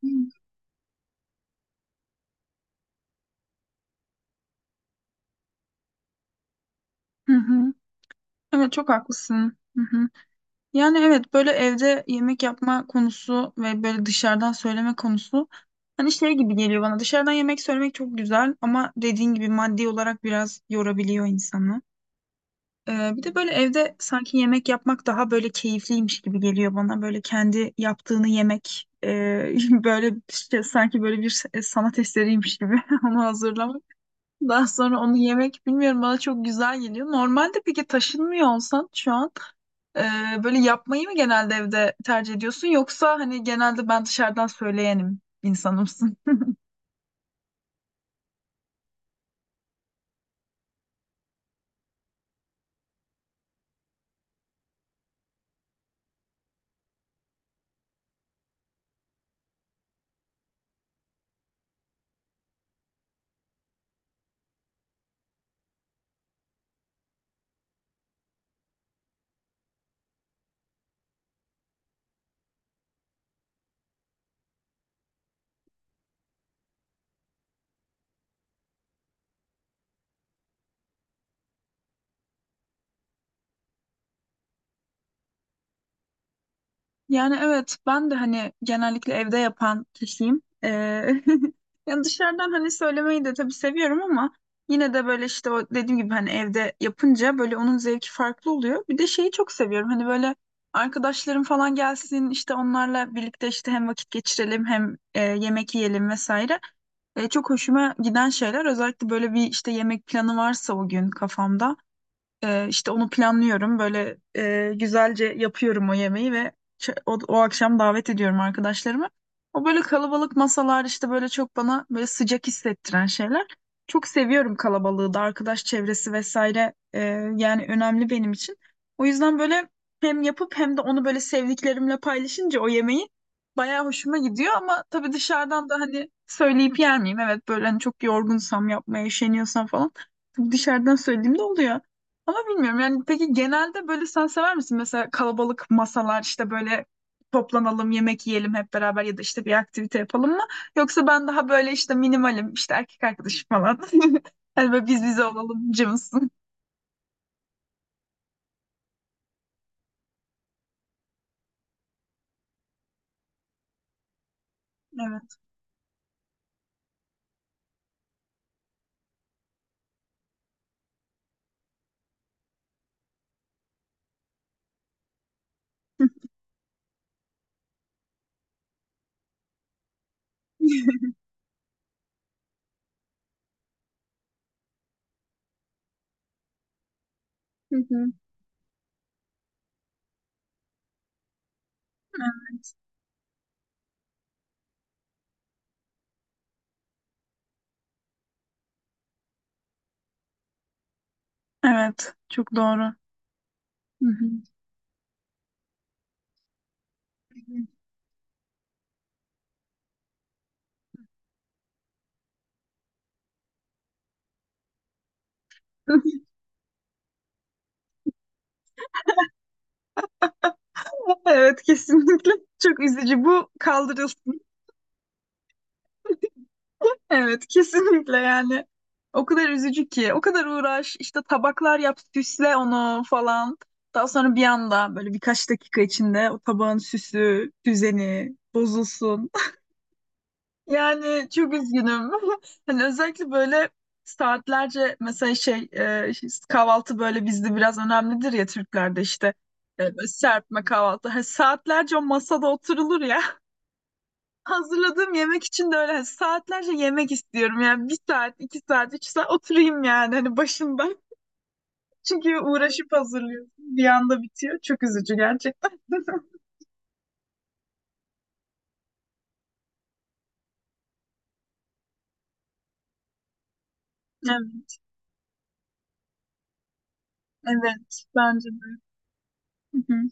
Hı hı. Evet, çok haklısın. Hı hı. Yani evet, böyle evde yemek yapma konusu ve böyle dışarıdan söyleme konusu hani şey gibi geliyor bana. Dışarıdan yemek söylemek çok güzel ama dediğin gibi maddi olarak biraz yorabiliyor insanı. Bir de böyle evde sanki yemek yapmak daha böyle keyifliymiş gibi geliyor bana. Böyle kendi yaptığını yemek böyle işte sanki böyle bir sanat eseriymiş gibi onu hazırlamak. Daha sonra onu yemek, bilmiyorum, bana çok güzel geliyor. Normalde peki taşınmıyor olsan şu an e, böyle yapmayı mı genelde evde tercih ediyorsun, yoksa hani genelde ben dışarıdan söyleyenim insanımsın? Yani evet, ben de hani genellikle evde yapan kişiyim. Yani dışarıdan hani söylemeyi de tabii seviyorum ama yine de böyle işte o dediğim gibi hani evde yapınca böyle onun zevki farklı oluyor. Bir de şeyi çok seviyorum, hani böyle arkadaşlarım falan gelsin, işte onlarla birlikte işte hem vakit geçirelim hem yemek yiyelim vesaire. Çok hoşuma giden şeyler özellikle böyle bir işte yemek planı varsa o gün kafamda. İşte onu planlıyorum. Böyle güzelce yapıyorum o yemeği ve o akşam davet ediyorum arkadaşlarımı. O böyle kalabalık masalar işte böyle çok bana böyle sıcak hissettiren şeyler. Çok seviyorum kalabalığı da, arkadaş çevresi vesaire, yani önemli benim için. O yüzden böyle hem yapıp hem de onu böyle sevdiklerimle paylaşınca o yemeği bayağı hoşuma gidiyor ama tabii dışarıdan da hani söyleyip yer miyim? Evet, böyle hani çok yorgunsam, yapmaya üşeniyorsam falan tabii dışarıdan söylediğimde oluyor. Ama bilmiyorum yani, peki genelde böyle sen sever misin? Mesela kalabalık masalar, işte böyle toplanalım yemek yiyelim hep beraber ya da işte bir aktivite yapalım mı? Yoksa ben daha böyle işte minimalim, işte erkek arkadaşım falan. Hani böyle biz bize olalım cımsın. Evet. Hı hı. Evet, çok doğru. Hı hı. Evet, kesinlikle çok üzücü, bu kaldırılsın. Evet, kesinlikle yani. O kadar üzücü ki. O kadar uğraş, işte tabaklar yap, süsle onu falan. Daha sonra bir anda böyle birkaç dakika içinde o tabağın süsü, düzeni bozulsun. Yani çok üzgünüm. Hani özellikle böyle saatlerce, mesela şey, kahvaltı böyle bizde biraz önemlidir ya, Türklerde işte. Böyle serpme kahvaltı. Hani saatlerce o masada oturulur ya, hazırladığım yemek için de öyle, hani saatlerce yemek istiyorum. Yani bir saat, 2 saat, 3 saat oturayım yani hani başında. Çünkü uğraşıp hazırlıyorsun. Bir anda bitiyor. Çok üzücü gerçekten. Evet, evet. Bence de. Hı hı.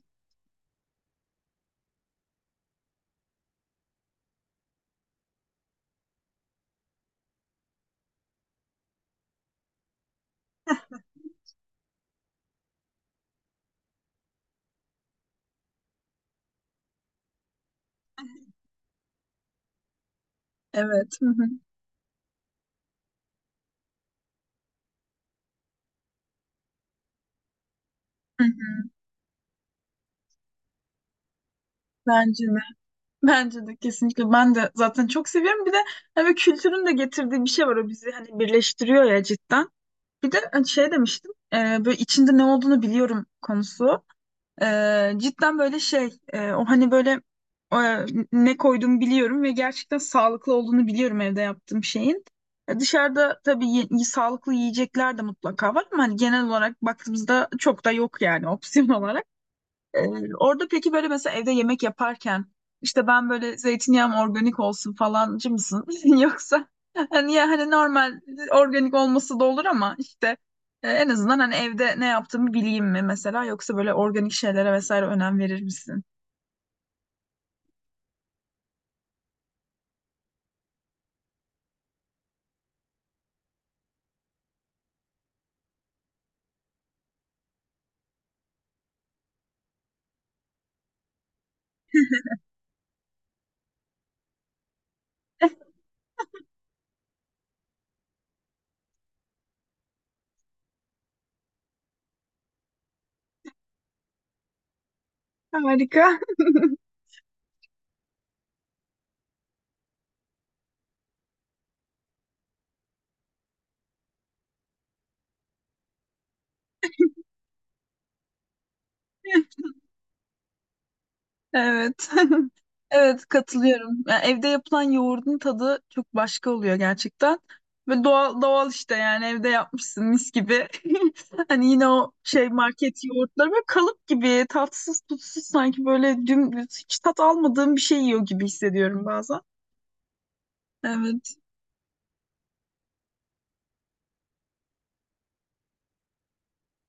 Evet. Hı hı. Hı hı. Bence de. Bence de, kesinlikle. Ben de zaten çok seviyorum. Bir de hani kültürün de getirdiği bir şey var. O bizi hani birleştiriyor ya, cidden. Bir de hani şey demiştim. Böyle içinde ne olduğunu biliyorum konusu. Cidden böyle şey, o hani böyle e, ne koyduğumu biliyorum ve gerçekten sağlıklı olduğunu biliyorum evde yaptığım şeyin. Dışarıda tabii sağlıklı yiyecekler de mutlaka var ama hani genel olarak baktığımızda çok da yok yani opsiyon olarak. Orada peki böyle, mesela evde yemek yaparken işte ben böyle zeytinyağım organik olsun falancı mısın? Yoksa hani, ya hani normal organik olması da olur ama işte en azından hani evde ne yaptığımı bileyim mi mesela, yoksa böyle organik şeylere vesaire önem verir misin? Harika. Evet. Evet, katılıyorum. Yani evde yapılan yoğurdun tadı çok başka oluyor gerçekten. Ve doğal doğal işte yani, evde yapmışsın mis gibi. Hani yine o şey market yoğurtları böyle kalıp gibi tatsız tutsuz, sanki böyle dümdüz hiç tat almadığım bir şey yiyor gibi hissediyorum bazen. Evet.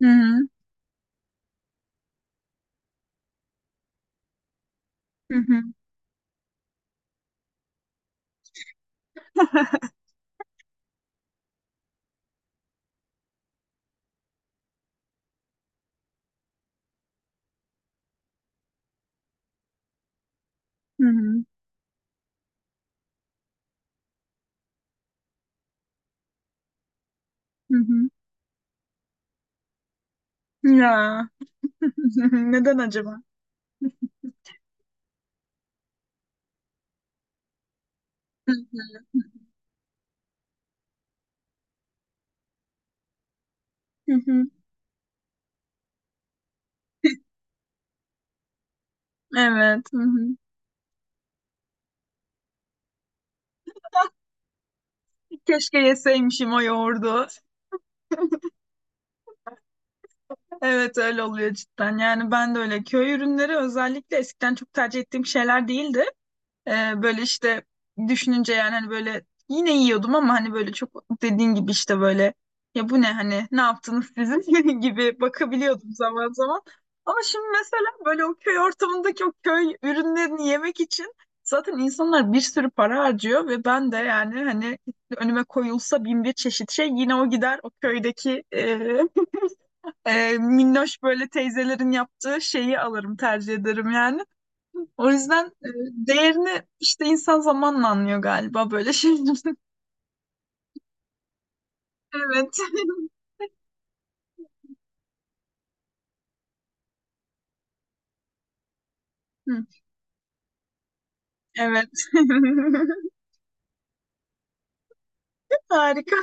Hı hı. Hı hı. Hı hı. Hı hı. Ya. Neden acaba? Hı hı. Hı hı. Evet. Hı hı. Keşke yeseymişim o yoğurdu. Evet, öyle oluyor cidden. Yani ben de öyle. Köy ürünleri özellikle eskiden çok tercih ettiğim şeyler değildi. Böyle işte düşününce, yani hani böyle yine yiyordum ama hani böyle çok dediğin gibi işte böyle ya, bu ne, hani ne yaptınız sizin gibi bakabiliyordum zaman zaman. Ama şimdi mesela böyle o köy ortamındaki o köy ürünlerini yemek için zaten insanlar bir sürü para harcıyor ve ben de yani hani önüme koyulsa bin bir çeşit şey, yine o gider, o köydeki minnoş böyle teyzelerin yaptığı şeyi alırım, tercih ederim yani. O yüzden değerini işte insan zamanla anlıyor galiba böyle şeylerin. Evet. Hı, evet. Harika.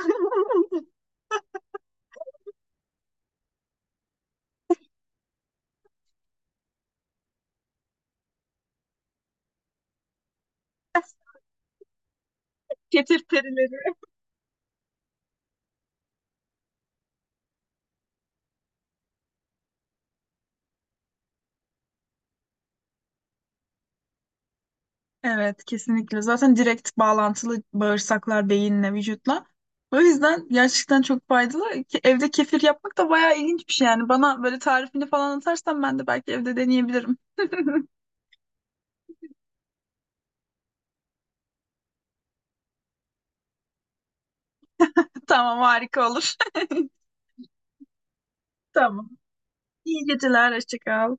Getir perileri. Evet, kesinlikle. Zaten direkt bağlantılı, bağırsaklar beyinle, vücutla. O yüzden gerçekten çok faydalı. Ki evde kefir yapmak da bayağı ilginç bir şey yani. Bana böyle tarifini falan atarsan ben de belki evde deneyebilirim. Tamam, harika olur. Tamam. İyi geceler. Hoşça kal.